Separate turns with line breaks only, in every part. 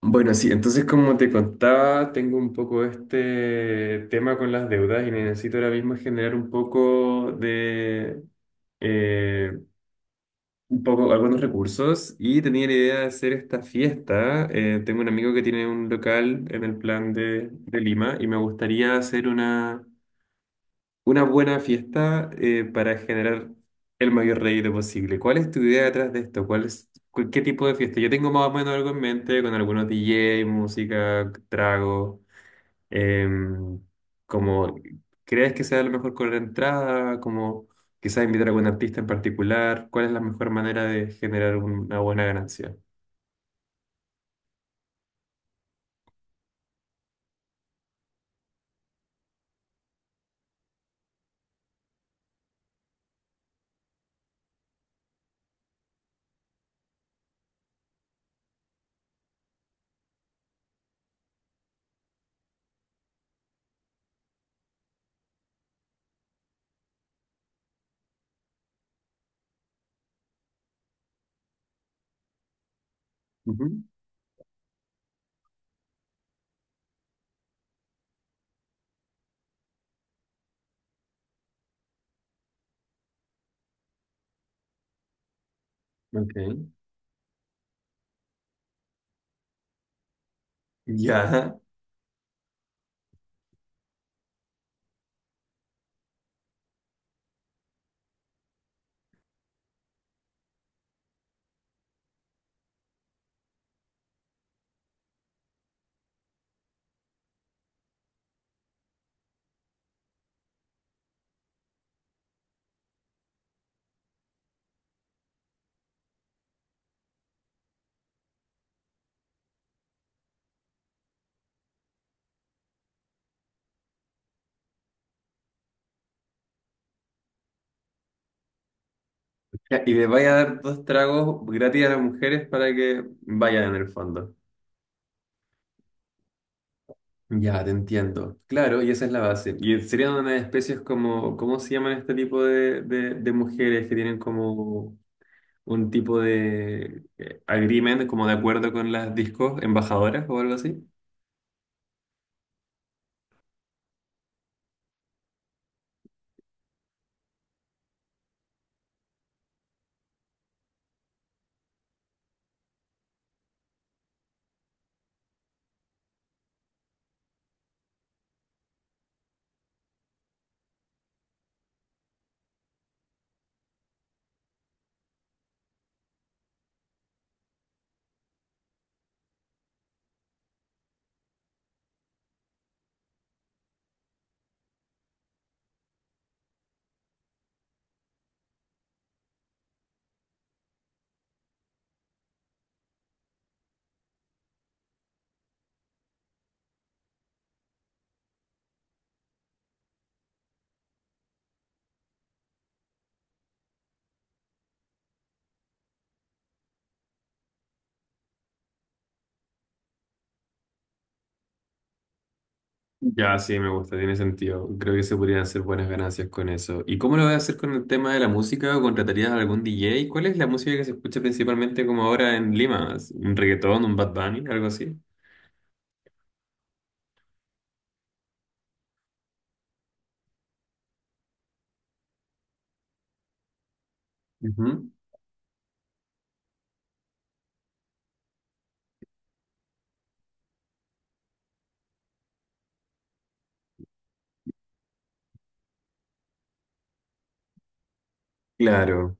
Bueno, sí, entonces como te contaba, tengo un poco este tema con las deudas y necesito ahora mismo generar un poco de, eh, un poco, algunos recursos y tenía la idea de hacer esta fiesta. Tengo un amigo que tiene un local en el plan de Lima y me gustaría hacer una... Una buena fiesta para generar el mayor rédito posible. ¿Cuál es tu idea detrás de esto? ¿Cuál es, qué tipo de fiesta? Yo tengo más o menos algo en mente con algunos DJ, música, trago. em, como, ¿Crees que sea lo mejor con la entrada? Como quizás invitar a algún artista en particular. ¿Cuál es la mejor manera de generar una buena ganancia? Ujú. Ok. Ya. Ya, ¿y le vaya a dar dos tragos gratis a las mujeres para que vayan en el fondo? Ya, te entiendo. Claro, y esa es la base. Y serían unas especies como, ¿cómo se llaman este tipo de mujeres que tienen como un tipo de agreement, como de acuerdo con las discos embajadoras o algo así? Ya, sí, me gusta, tiene sentido. Creo que se podrían hacer buenas ganancias con eso. ¿Y cómo lo vas a hacer con el tema de la música? ¿O contratarías a algún DJ? ¿Cuál es la música que se escucha principalmente como ahora en Lima? ¿Un reggaetón, un Bad Bunny, algo así? Ujú. Claro.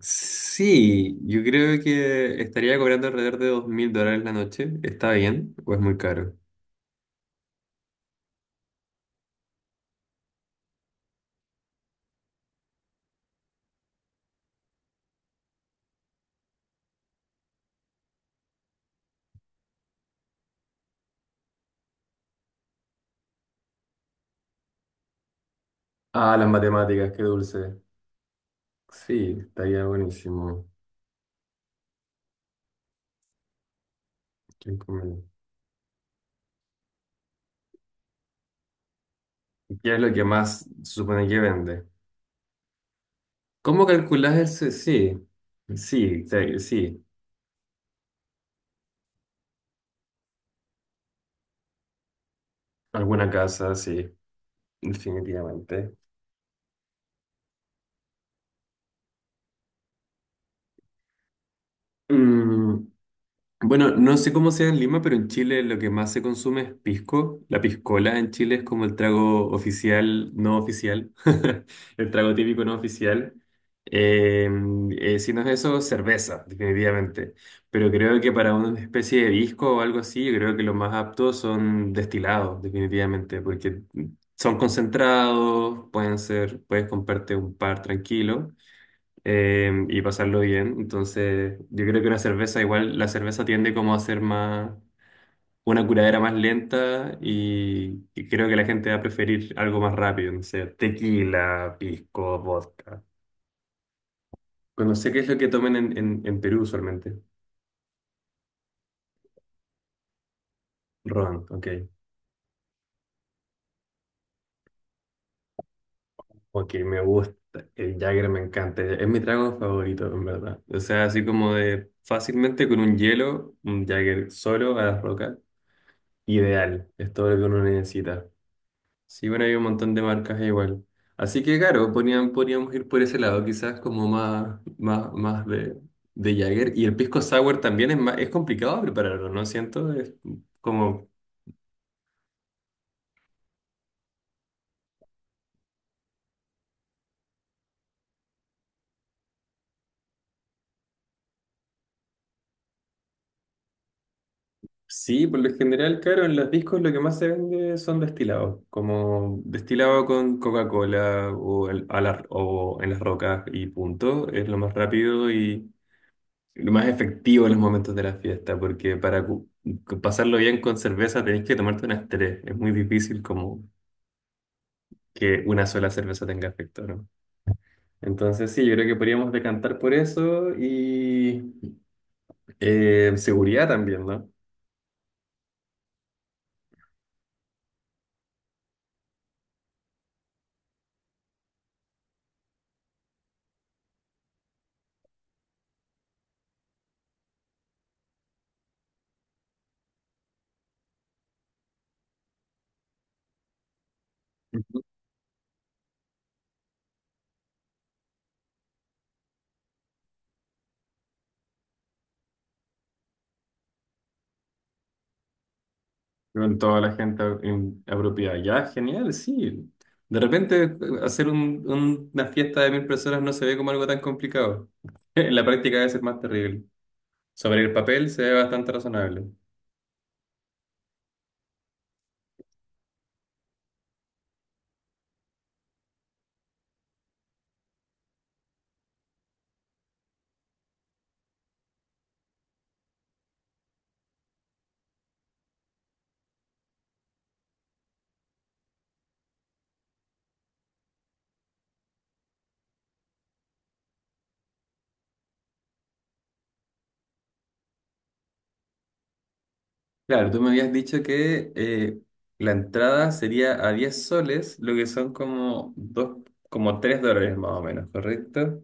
Sí, yo creo que estaría cobrando alrededor de $2000 la noche. ¿Está bien o es muy caro? Ah, las matemáticas, qué dulce. Sí, estaría buenísimo. ¿Quién come? ¿Qué es lo que más se supone que vende? ¿Cómo calculas el... Sí, sí, sí. Alguna casa, sí, definitivamente. Mm. Bueno, no sé cómo sea en Lima, pero en Chile lo que más se consume es pisco. La piscola en Chile es como el trago oficial, no oficial, el trago típico no oficial. Eh, si no es eso, cerveza, definitivamente. Pero creo que para una especie de disco o algo así, yo creo que lo más apto son destilados, definitivamente, porque son concentrados, pueden ser, puedes comprarte un par tranquilo y pasarlo bien. Entonces, yo creo que una cerveza, igual la cerveza tiende como a ser más, una curadera más lenta y creo que la gente va a preferir algo más rápido, no sé, tequila, pisco, vodka. Bueno, no sé qué es lo que tomen en Perú usualmente. Ron, ok. Ok, me gusta. El Jagger me encanta. Es mi trago favorito, en verdad. O sea, así como de fácilmente con un hielo, un Jagger solo a la roca. Ideal. Es todo lo que uno necesita. Sí, bueno, hay un montón de marcas igual. Así que claro, podríamos ir por ese lado, quizás como más, más, más de Jagger. Y el pisco sour también es más, es complicado prepararlo, ¿no? Siento, es como, sí, por lo general, claro, en los discos lo que más se vende son destilados, como destilado con Coca-Cola o, o en las rocas y punto, es lo más rápido, lo más efectivo en los momentos de la fiesta, porque para pasarlo bien con cerveza tenés que tomarte unas tres. Es muy difícil como que una sola cerveza tenga efecto, ¿no? Entonces sí, yo creo que podríamos decantar por eso y seguridad también, ¿no? Ujú. Con toda la gente apropiada. Ya, genial, sí. De repente hacer una fiesta de 1000 personas no se ve como algo tan complicado. En la práctica debe ser más terrible. Sobre el papel se ve bastante razonable. Claro, tú me habías dicho que la entrada sería a 10 soles, lo que son como dos, como $3 más o menos, ¿correcto?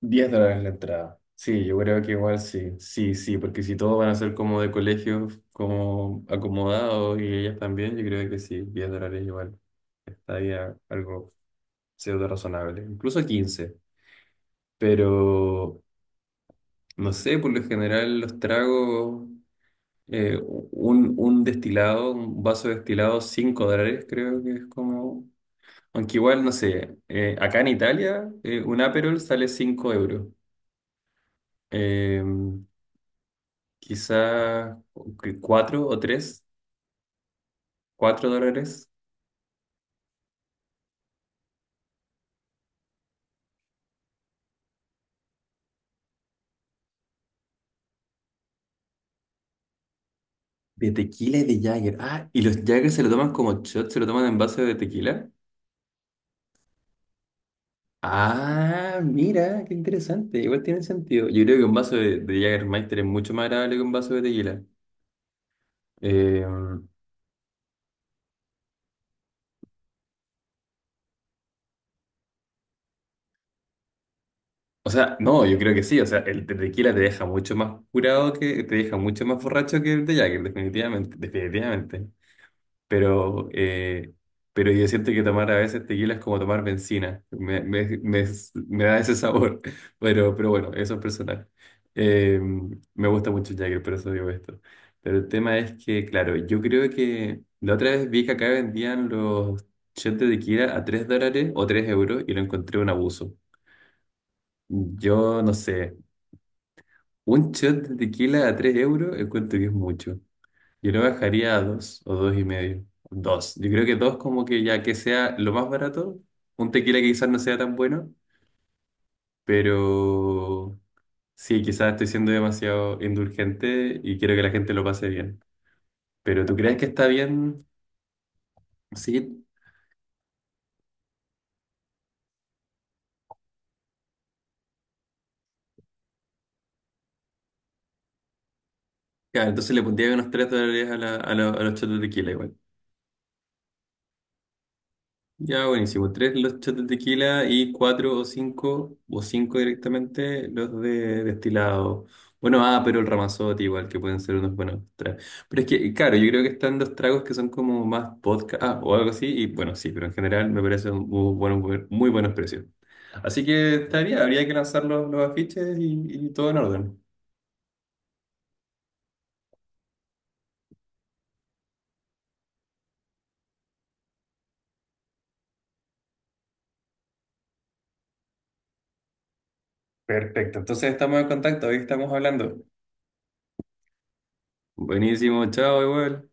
$10 la entrada. Sí, yo creo que igual sí, sí, sí, porque si todos van a ser como de colegios, como acomodados y ellas también, yo creo que sí, $10 igual estaría algo pseudo razonable, incluso 15, pero no sé, por lo general los tragos. Un destilado, un vaso de destilado, $5, creo que es como. Aunque igual, no sé, acá en Italia, un Aperol sale 5 euros. Eh, quizá 4 o tres, $4. De tequila y de Jagger. Ah, y los Jagger se lo toman como shot, se lo toman en vaso de tequila. Ah, mira, qué interesante. Igual tiene sentido. Yo creo que un vaso de Jägermeister es mucho más agradable que un vaso de tequila. Eh, O sea, no, yo creo que sí. O sea, el tequila te deja mucho más curado que, te deja mucho más borracho que el de Jagger, definitivamente, definitivamente. Pero, eh, pero yo siento que tomar a veces tequila es como tomar benzina. Me da ese sabor. Pero bueno, eso es personal. Eh, me gusta mucho el Jagger, por eso digo esto. Pero el tema es que, claro, yo creo que la otra vez vi que acá vendían los shots de tequila a $3 o 3 euros y lo encontré un abuso. Yo no sé. Un shot de tequila a 3 euros encuentro que es mucho. Yo lo bajaría a 2 o dos y medio. Dos. Yo creo que 2 como que ya que sea lo más barato. Un tequila que quizás no sea tan bueno, pero sí, quizás estoy siendo demasiado indulgente y quiero que la gente lo pase bien. Pero ¿tú crees que está bien? Sí. Claro, entonces le pondría unos $3 a, a, a los shots de tequila. Ya, buenísimo. Tres los shots de tequila y cuatro o cinco directamente, los de destilado. Bueno, ah, pero el Ramazotti igual, que pueden ser unos buenos tragos. Pero es que, claro, yo creo que están los tragos que son como más vodka, ah, o algo así, y bueno, sí, pero en general me parecen muy buenos precios. Así que estaría, habría que lanzar los afiches y todo en orden. Perfecto, entonces estamos en contacto, hoy estamos hablando. Buenísimo, chao, igual.